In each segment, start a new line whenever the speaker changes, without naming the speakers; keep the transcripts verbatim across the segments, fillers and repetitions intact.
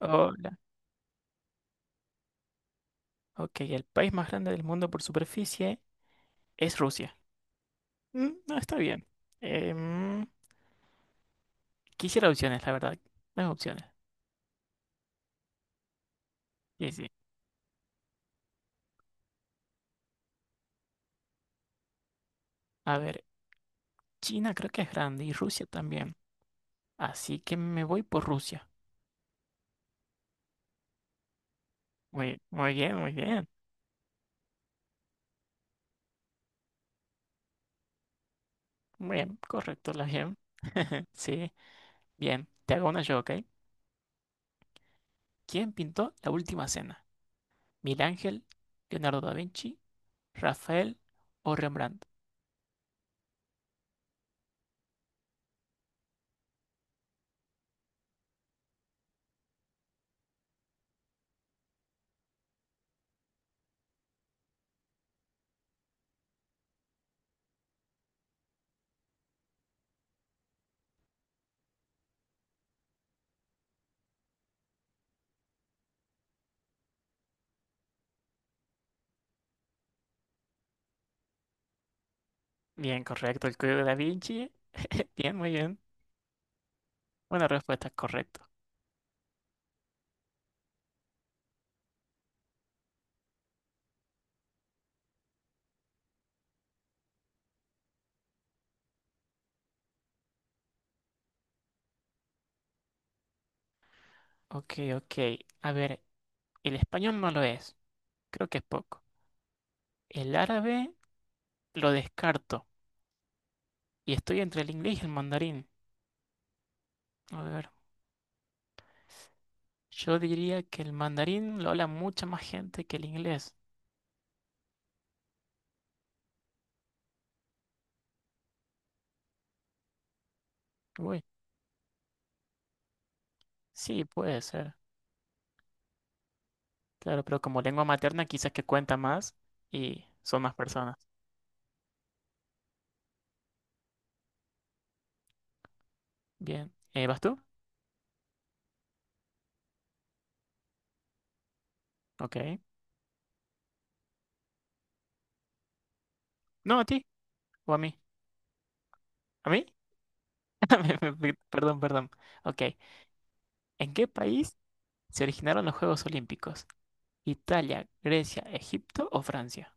Hola. Ok, el país más grande del mundo por superficie es Rusia. Mm, no, está bien. Em, quisiera opciones, la verdad. Las opciones. Sí, sí. A ver, China creo que es grande y Rusia también. Así que me voy por Rusia. Muy, muy bien, muy bien. Muy bien, correcto, la bien. Sí, bien. Te hago una yo, ¿ok? ¿Quién pintó La Última Cena? ¿Milángel, Leonardo da Vinci, Rafael o Rembrandt? Bien, correcto, el código da Vinci. Bien, muy bien. Una respuesta correcta. Ok, ok. A ver, el español no lo es. Creo que es poco. El árabe lo descarto. Y estoy entre el inglés y el mandarín. A ver, yo diría que el mandarín lo habla mucha más gente que el inglés. Uy, sí, puede ser. Claro, pero como lengua materna quizás que cuenta más y son más personas. Bien. Eh, ¿vas tú? Ok. No, a ti. ¿O a mí? ¿A mí? Me- me- me- Perdón, perdón. Ok. ¿En qué país se originaron los Juegos Olímpicos? Italia, Grecia, Egipto o Francia.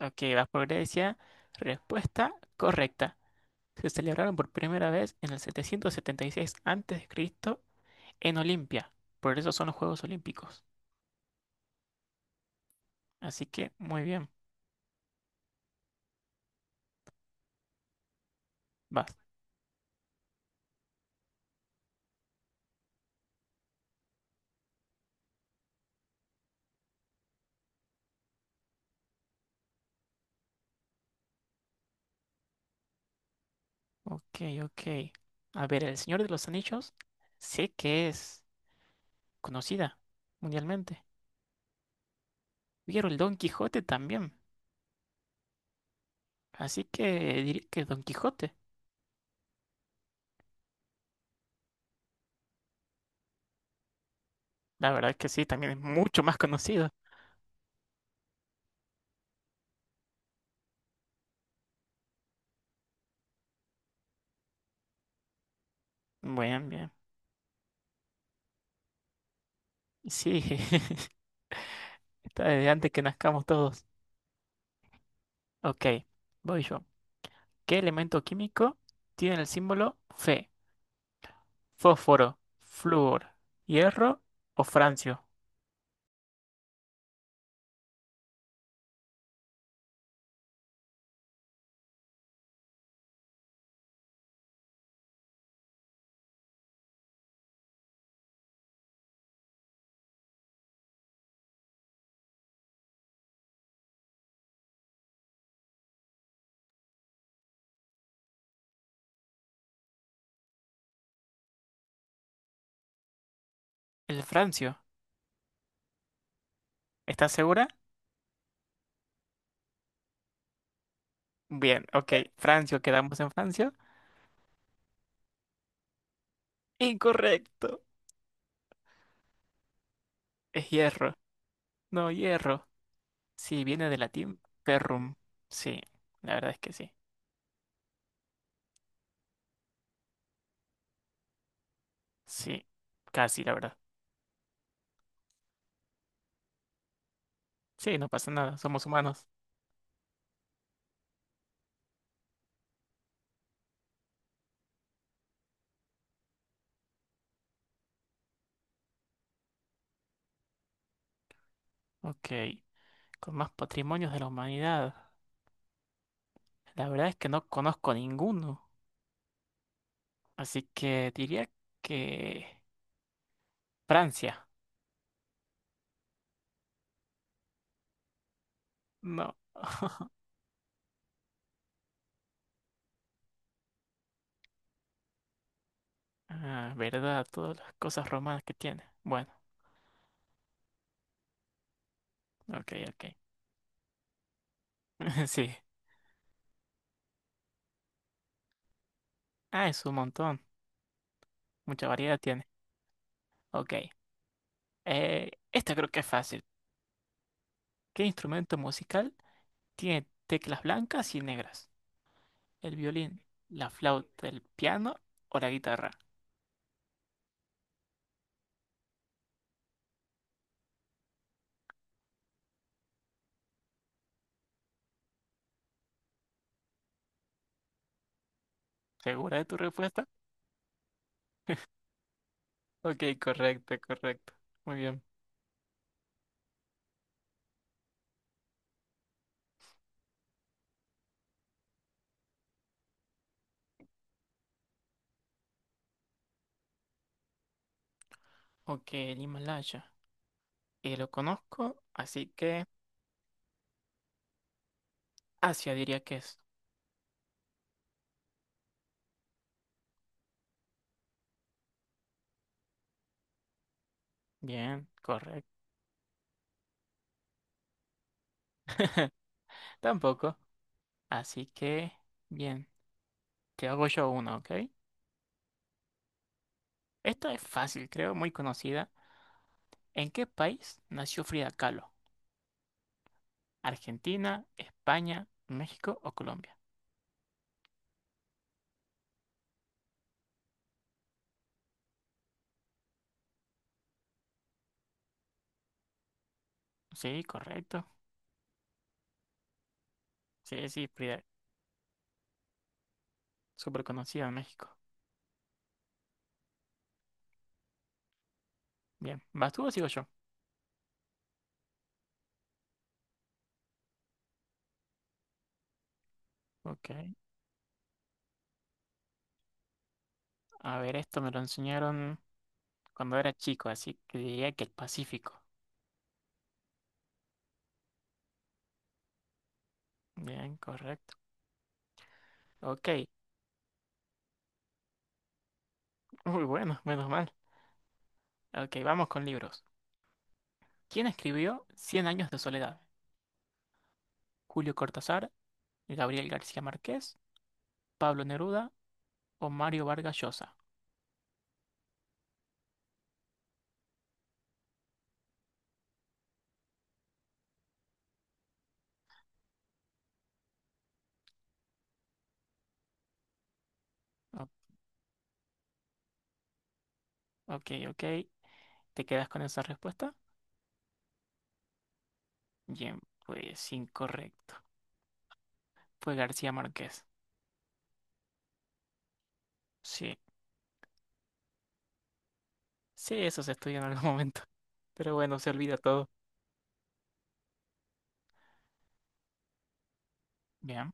Ok, vas por Grecia. Respuesta correcta. Se celebraron por primera vez en el setecientos setenta y seis antes de Cristo en Olimpia. Por eso son los Juegos Olímpicos. Así que muy bien, vas. Ok, ok. A ver, El Señor de los Anillos sé que es conocida mundialmente. Vieron el Don Quijote también. Así que diré que Don Quijote. La verdad es que sí, también es mucho más conocido. Bien, bien. Sí. Desde antes que nazcamos todos. Ok, voy yo. ¿Qué elemento químico tiene el símbolo Fe? ¿Fósforo, flúor, hierro o francio? El francio. ¿Estás segura? Bien, ok. Francio, quedamos en francio. Incorrecto. Es hierro. No, hierro. Sí, viene del latín ferrum. Sí, la verdad es que sí. Sí, casi, la verdad. Sí, no pasa nada, somos humanos. Ok, con más patrimonios de la humanidad. La verdad es que no conozco ninguno. Así que diría que Francia. No. Ah, verdad, todas las cosas romanas que tiene. Bueno, ok, ok. Sí. Ah, es un montón. Mucha variedad tiene. Ok. Eh, esta creo que es fácil. ¿Qué instrumento musical tiene teclas blancas y negras? ¿El violín, la flauta, el piano o la guitarra? ¿Segura de tu respuesta? Ok, correcto, correcto. Muy bien. Ok, el Himalaya. Eh, lo conozco, así que Asia diría que es. Bien, correcto. Tampoco. Así que, bien, te hago yo una, ¿ok? Esta es fácil, creo, muy conocida. ¿En qué país nació Frida Kahlo? ¿Argentina, España, México o Colombia? Sí, correcto. Sí, sí, Frida, súper conocida en México. Bien, ¿vas tú o sigo yo? Ok. A ver, esto me lo enseñaron cuando era chico, así que diría que el Pacífico. Bien, correcto. Ok. Muy bueno, menos mal. Ok, vamos con libros. ¿Quién escribió Cien años de soledad? ¿Julio Cortázar, Gabriel García Márquez, Pablo Neruda o Mario Vargas Llosa? O- ok, ok. ¿Te quedas con esa respuesta? Bien, pues incorrecto. Fue García Márquez. Sí, sí, eso se estudia en algún momento. Pero bueno, se olvida todo. Bien.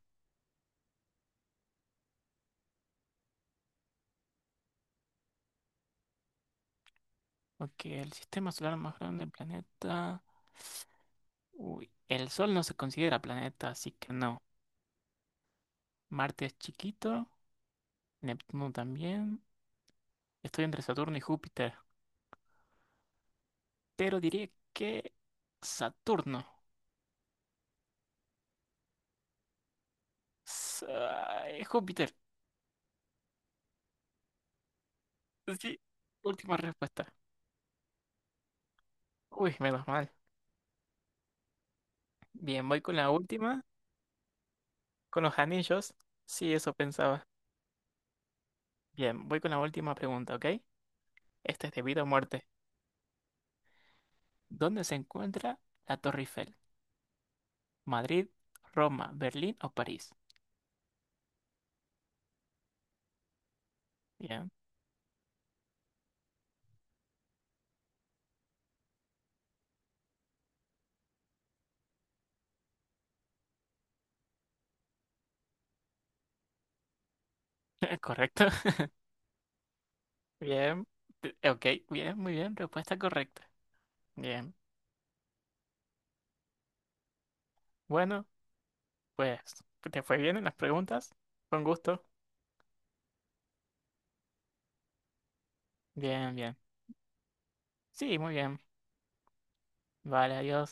Ok, el sistema solar más grande del planeta. Uy, el Sol no se considera planeta, así que no. Marte es chiquito, Neptuno también. Estoy entre Saturno y Júpiter, pero diría que Saturno. Sa- eh, Júpiter. Sí, última respuesta. Uy, menos mal. Bien, voy con la última, con los anillos. Sí, eso pensaba. Bien, voy con la última pregunta, ¿ok? Esta es de vida o muerte. ¿Dónde se encuentra la Torre Eiffel? ¿Madrid, Roma, Berlín o París? Bien, correcto. Bien, te- ok, bien, muy bien, respuesta correcta. Bien, bueno, pues te fue bien en las preguntas. Con gusto. Bien, bien. Sí, muy bien. Vale, adiós.